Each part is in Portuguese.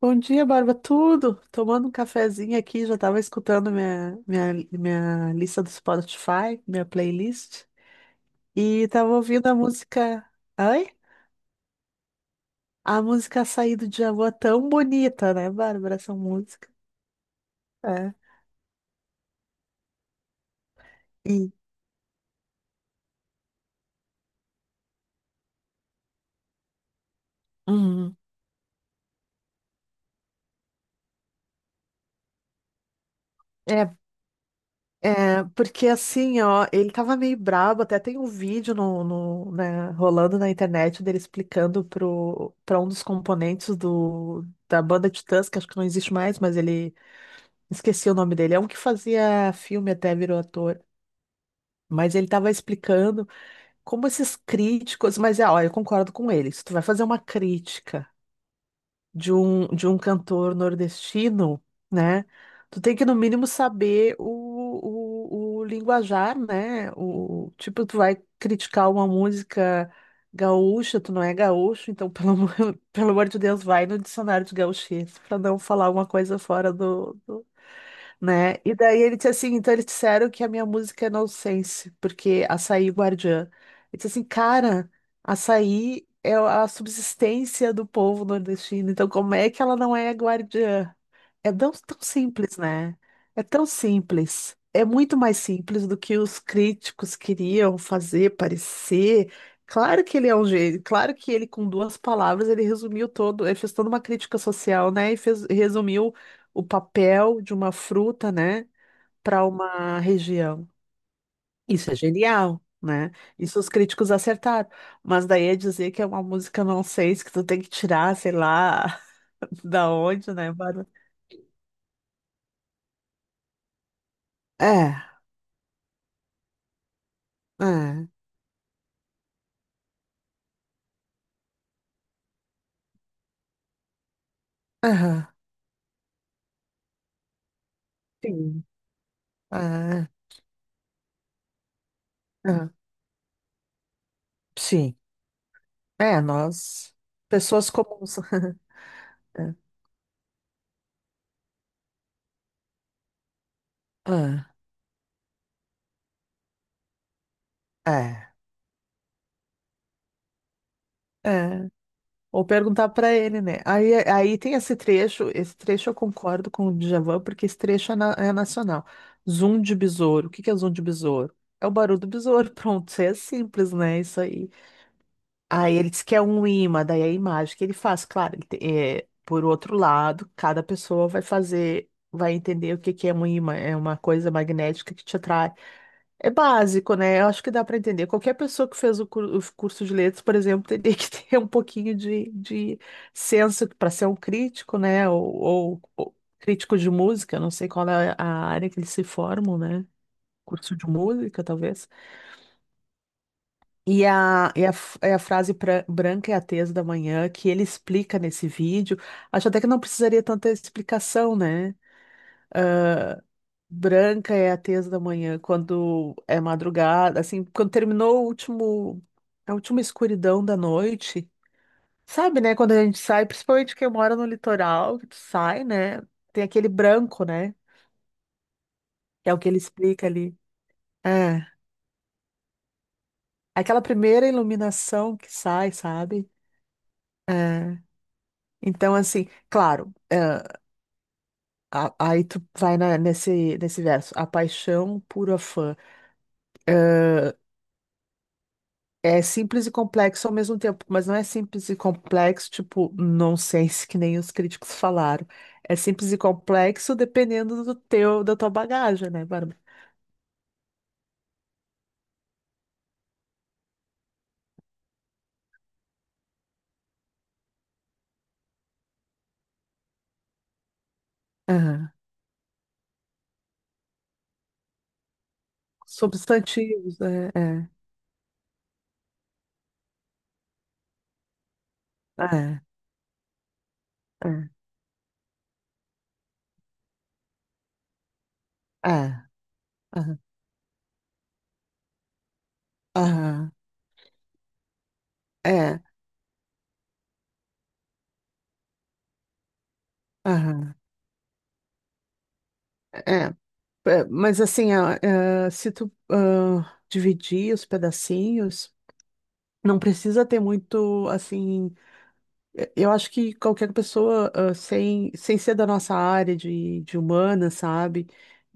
Bom dia, Barba. Tudo? Tomando um cafezinho aqui, já estava escutando minha lista do Spotify, minha playlist, e estava ouvindo a música. Oi? A música Açaí do Djavan, tão bonita, né, Bárbara? Essa música. É. E, uhum. É, é, porque assim, ó, ele tava meio brabo, até tem um vídeo no, né, rolando na internet dele explicando pra um dos componentes do, da banda Titãs, que acho que não existe mais, mas ele esqueci o nome dele. É um que fazia filme até virou ator. Mas ele estava explicando como esses críticos. Mas é, ó, eu concordo com ele. Se tu vai fazer uma crítica de um cantor nordestino, né? Tu tem que, no mínimo, saber o linguajar, né? O, tipo, tu vai criticar uma música gaúcha, tu não é gaúcho, então, pelo amor de Deus, vai no dicionário de gauchês para não falar uma coisa fora do né? E daí ele disse assim, então eles disseram que a minha música é nonsense, porque açaí guardiã. Ele disse assim, cara, açaí é a subsistência do povo nordestino, então como é que ela não é guardiã? É tão simples, né? É tão simples. É muito mais simples do que os críticos queriam fazer parecer. Claro que ele é um gênio, claro que ele, com duas palavras, ele resumiu todo, ele fez toda uma crítica social, né? E fez, resumiu o papel de uma fruta, né, para uma região. Isso é genial, né? Isso os críticos acertaram. Mas daí é dizer que é uma música não sei que tu tem que tirar, sei lá, da onde, né, Bárbara? É, é. Aham, sim. Ah, ah, sim. É, nós, pessoas comuns. É. Ah, é, é. Ou perguntar pra ele, né? Aí tem esse trecho eu concordo com o Djavan, porque esse trecho é nacional. Zoom de besouro. O que que é zoom de besouro? É o barulho do besouro. Pronto, é simples, né? Isso aí. Aí ele diz que é um imã, daí é a imagem que ele faz, claro, é, por outro lado, cada pessoa vai fazer, vai entender o que que é um imã, é uma coisa magnética que te atrai. É básico, né? Eu acho que dá para entender. Qualquer pessoa que fez o curso de letras, por exemplo, teria que ter um pouquinho de senso para ser um crítico, né? Ou crítico de música, não sei qual é a área que eles se formam, né? Curso de música, talvez. É a frase branca é a tesa da manhã, que ele explica nesse vídeo, acho até que não precisaria tanta explicação, né? Branca é a tesa da manhã, quando é madrugada, assim, quando terminou o último, a última escuridão da noite, sabe, né? Quando a gente sai, principalmente quem mora no litoral, que tu sai, né? Tem aquele branco, né? Que é o que ele explica ali. É, aquela primeira iluminação que sai, sabe? É. Então, assim, claro. É, Aí tu vai nesse verso. A paixão pura fã. Ahn, é simples e complexo ao mesmo tempo, mas não é simples e complexo, tipo, nonsense, que nem os críticos falaram. É simples e complexo dependendo do teu, da tua bagagem, né, Bárbara? Aham. Substantivos, né? É, é, é, aham, aham, é, aham, é. É, mas assim, se tu dividir os pedacinhos. Não precisa ter muito, assim. Eu acho que qualquer pessoa, sem, sem ser da nossa área de humana, sabe?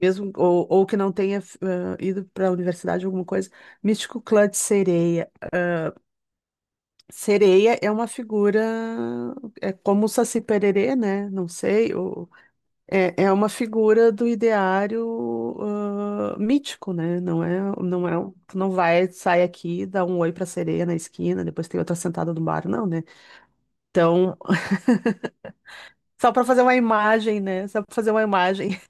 Mesmo, ou que não tenha, ido para a universidade, alguma coisa. Místico Clã de Sereia. Sereia é uma figura. É como o Saci Pererê, né? Não sei. Ou, é uma figura do ideário, mítico, né? Não é. Tu não vai, sai aqui, dá um oi pra sereia na esquina, depois tem outra sentada no bar, não, né? Então, só para fazer uma imagem, né? Só para fazer uma imagem.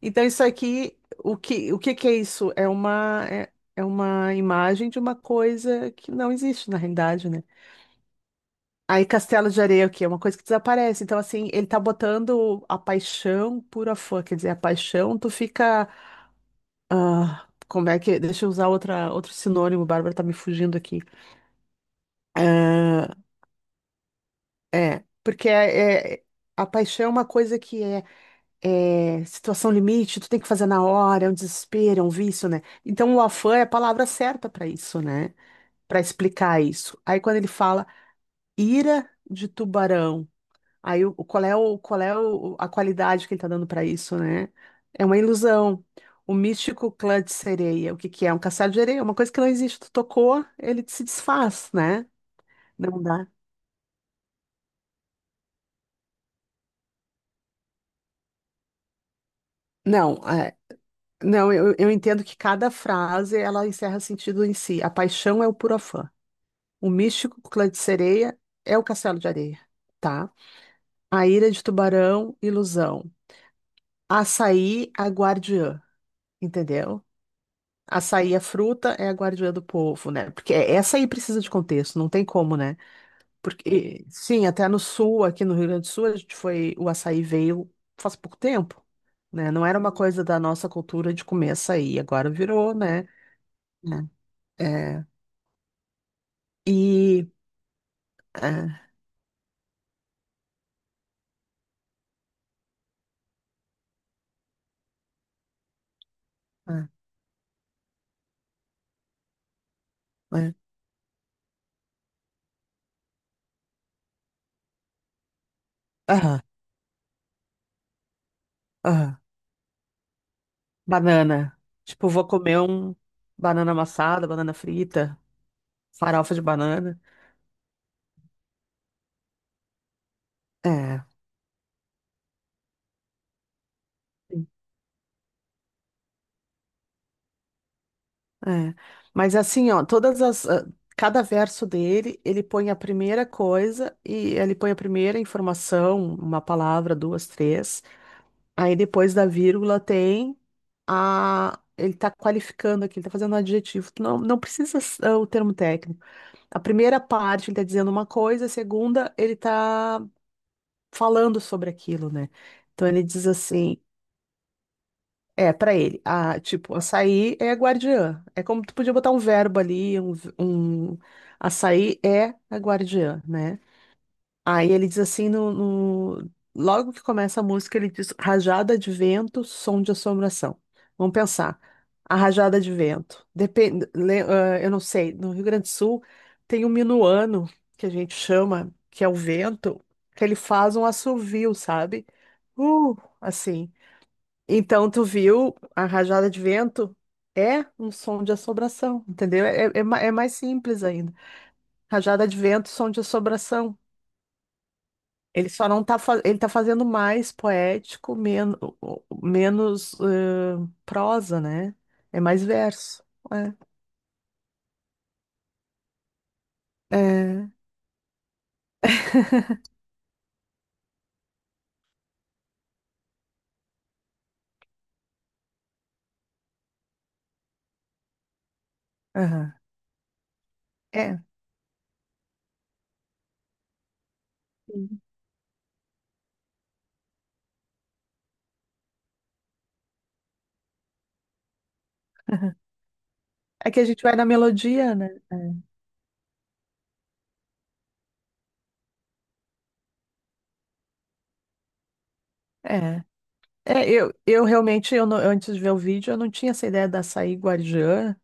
Então, isso aqui, o que que é isso? É uma imagem de uma coisa que não existe na realidade, né? Aí, Castelo de Areia, o quê? É uma coisa que desaparece. Então, assim, ele tá botando a paixão pura fã. Quer dizer, a paixão, tu fica. Como é que. Deixa eu usar outro sinônimo, Bárbara tá me fugindo aqui. Ah, é, a paixão é uma coisa que é situação limite, tu tem que fazer na hora, é um desespero, é um vício, né? Então o afã é a palavra certa para isso, né? Para explicar isso. Aí quando ele fala ira de tubarão, aí qual é o, qual é a qualidade que ele tá dando para isso, né? É uma ilusão. O místico clã de sereia, o que que é? Um caçar de areia, uma coisa que não existe. Tu tocou, ele se desfaz, né? Não dá. Não, é, não, eu entendo que cada frase ela encerra sentido em si. A paixão é o puro afã. O Místico Clã de Sereia é o Castelo de Areia, tá? A Ira de Tubarão, Ilusão. Açaí, a guardiã, entendeu? Açaí, a fruta, é a guardiã do povo, né? Porque é, essa aí precisa de contexto, não tem como, né? Porque, sim, até no sul, aqui no Rio Grande do Sul, a gente foi, o açaí veio faz pouco tempo, né? Não era uma coisa da nossa cultura de comer açaí, agora virou, né? É. É. E... É. É. É. Aham. Aham. Banana. Tipo, vou comer um banana amassada, banana frita, farofa de banana. É, sim, é. Mas assim, ó, todas as. Cada verso dele, ele põe a primeira coisa e ele põe a primeira informação, uma palavra, duas, três. Aí depois da vírgula tem a. Ele tá qualificando aqui, ele tá fazendo um adjetivo. Tu não, não precisa o termo técnico. A primeira parte ele tá dizendo uma coisa, a segunda ele tá falando sobre aquilo, né? Então ele diz assim, é, pra ele, a, tipo, açaí é a guardiã. É como tu podia botar um verbo ali, um açaí é a guardiã, né? Aí ele diz assim, logo que começa a música, ele diz rajada de vento, som de assombração. Vamos pensar. A rajada de vento. Depende, eu não sei, no Rio Grande do Sul tem um minuano, que a gente chama, que é o vento, que ele faz um assovio, sabe? Uh, assim. Então, tu viu a rajada de vento? É um som de assombração, entendeu? É mais simples ainda. Rajada de vento, som de assombração. Ele só não tá, ele tá fazendo mais poético, menos, menos prosa, né? É mais verso. É. É. Aham. É. Sim. Aham. É que a gente vai na melodia, né? É. É, eu realmente, eu não- antes de ver o vídeo, eu não tinha essa ideia da açaí guardiã,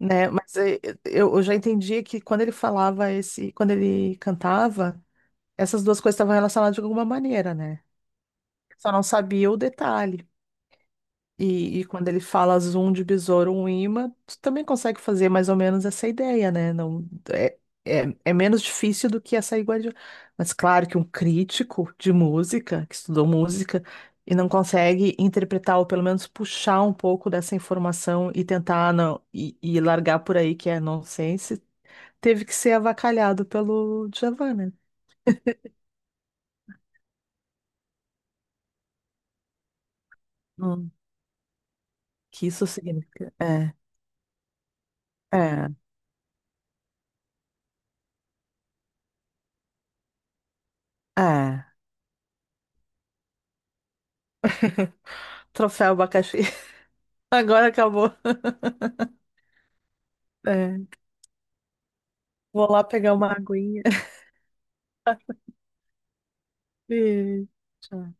né? Mas eu já entendia que quando ele falava esse, quando ele cantava, essas duas coisas estavam relacionadas de alguma maneira, né? Só não sabia o detalhe. E quando ele fala zoom de besouro, um imã, tu também consegue fazer mais ou menos essa ideia, né? Não, é menos difícil do que essa iguaria. Mas claro que um crítico de música, que estudou música, e não consegue interpretar, ou pelo menos puxar um pouco dessa informação e tentar não, e largar por aí que é nonsense, teve que ser avacalhado pelo Djavan, né? Hum, que isso significa. É, é. Troféu abacaxi. Agora acabou. É, vou lá pegar uma aguinha. Beijo. Tchau.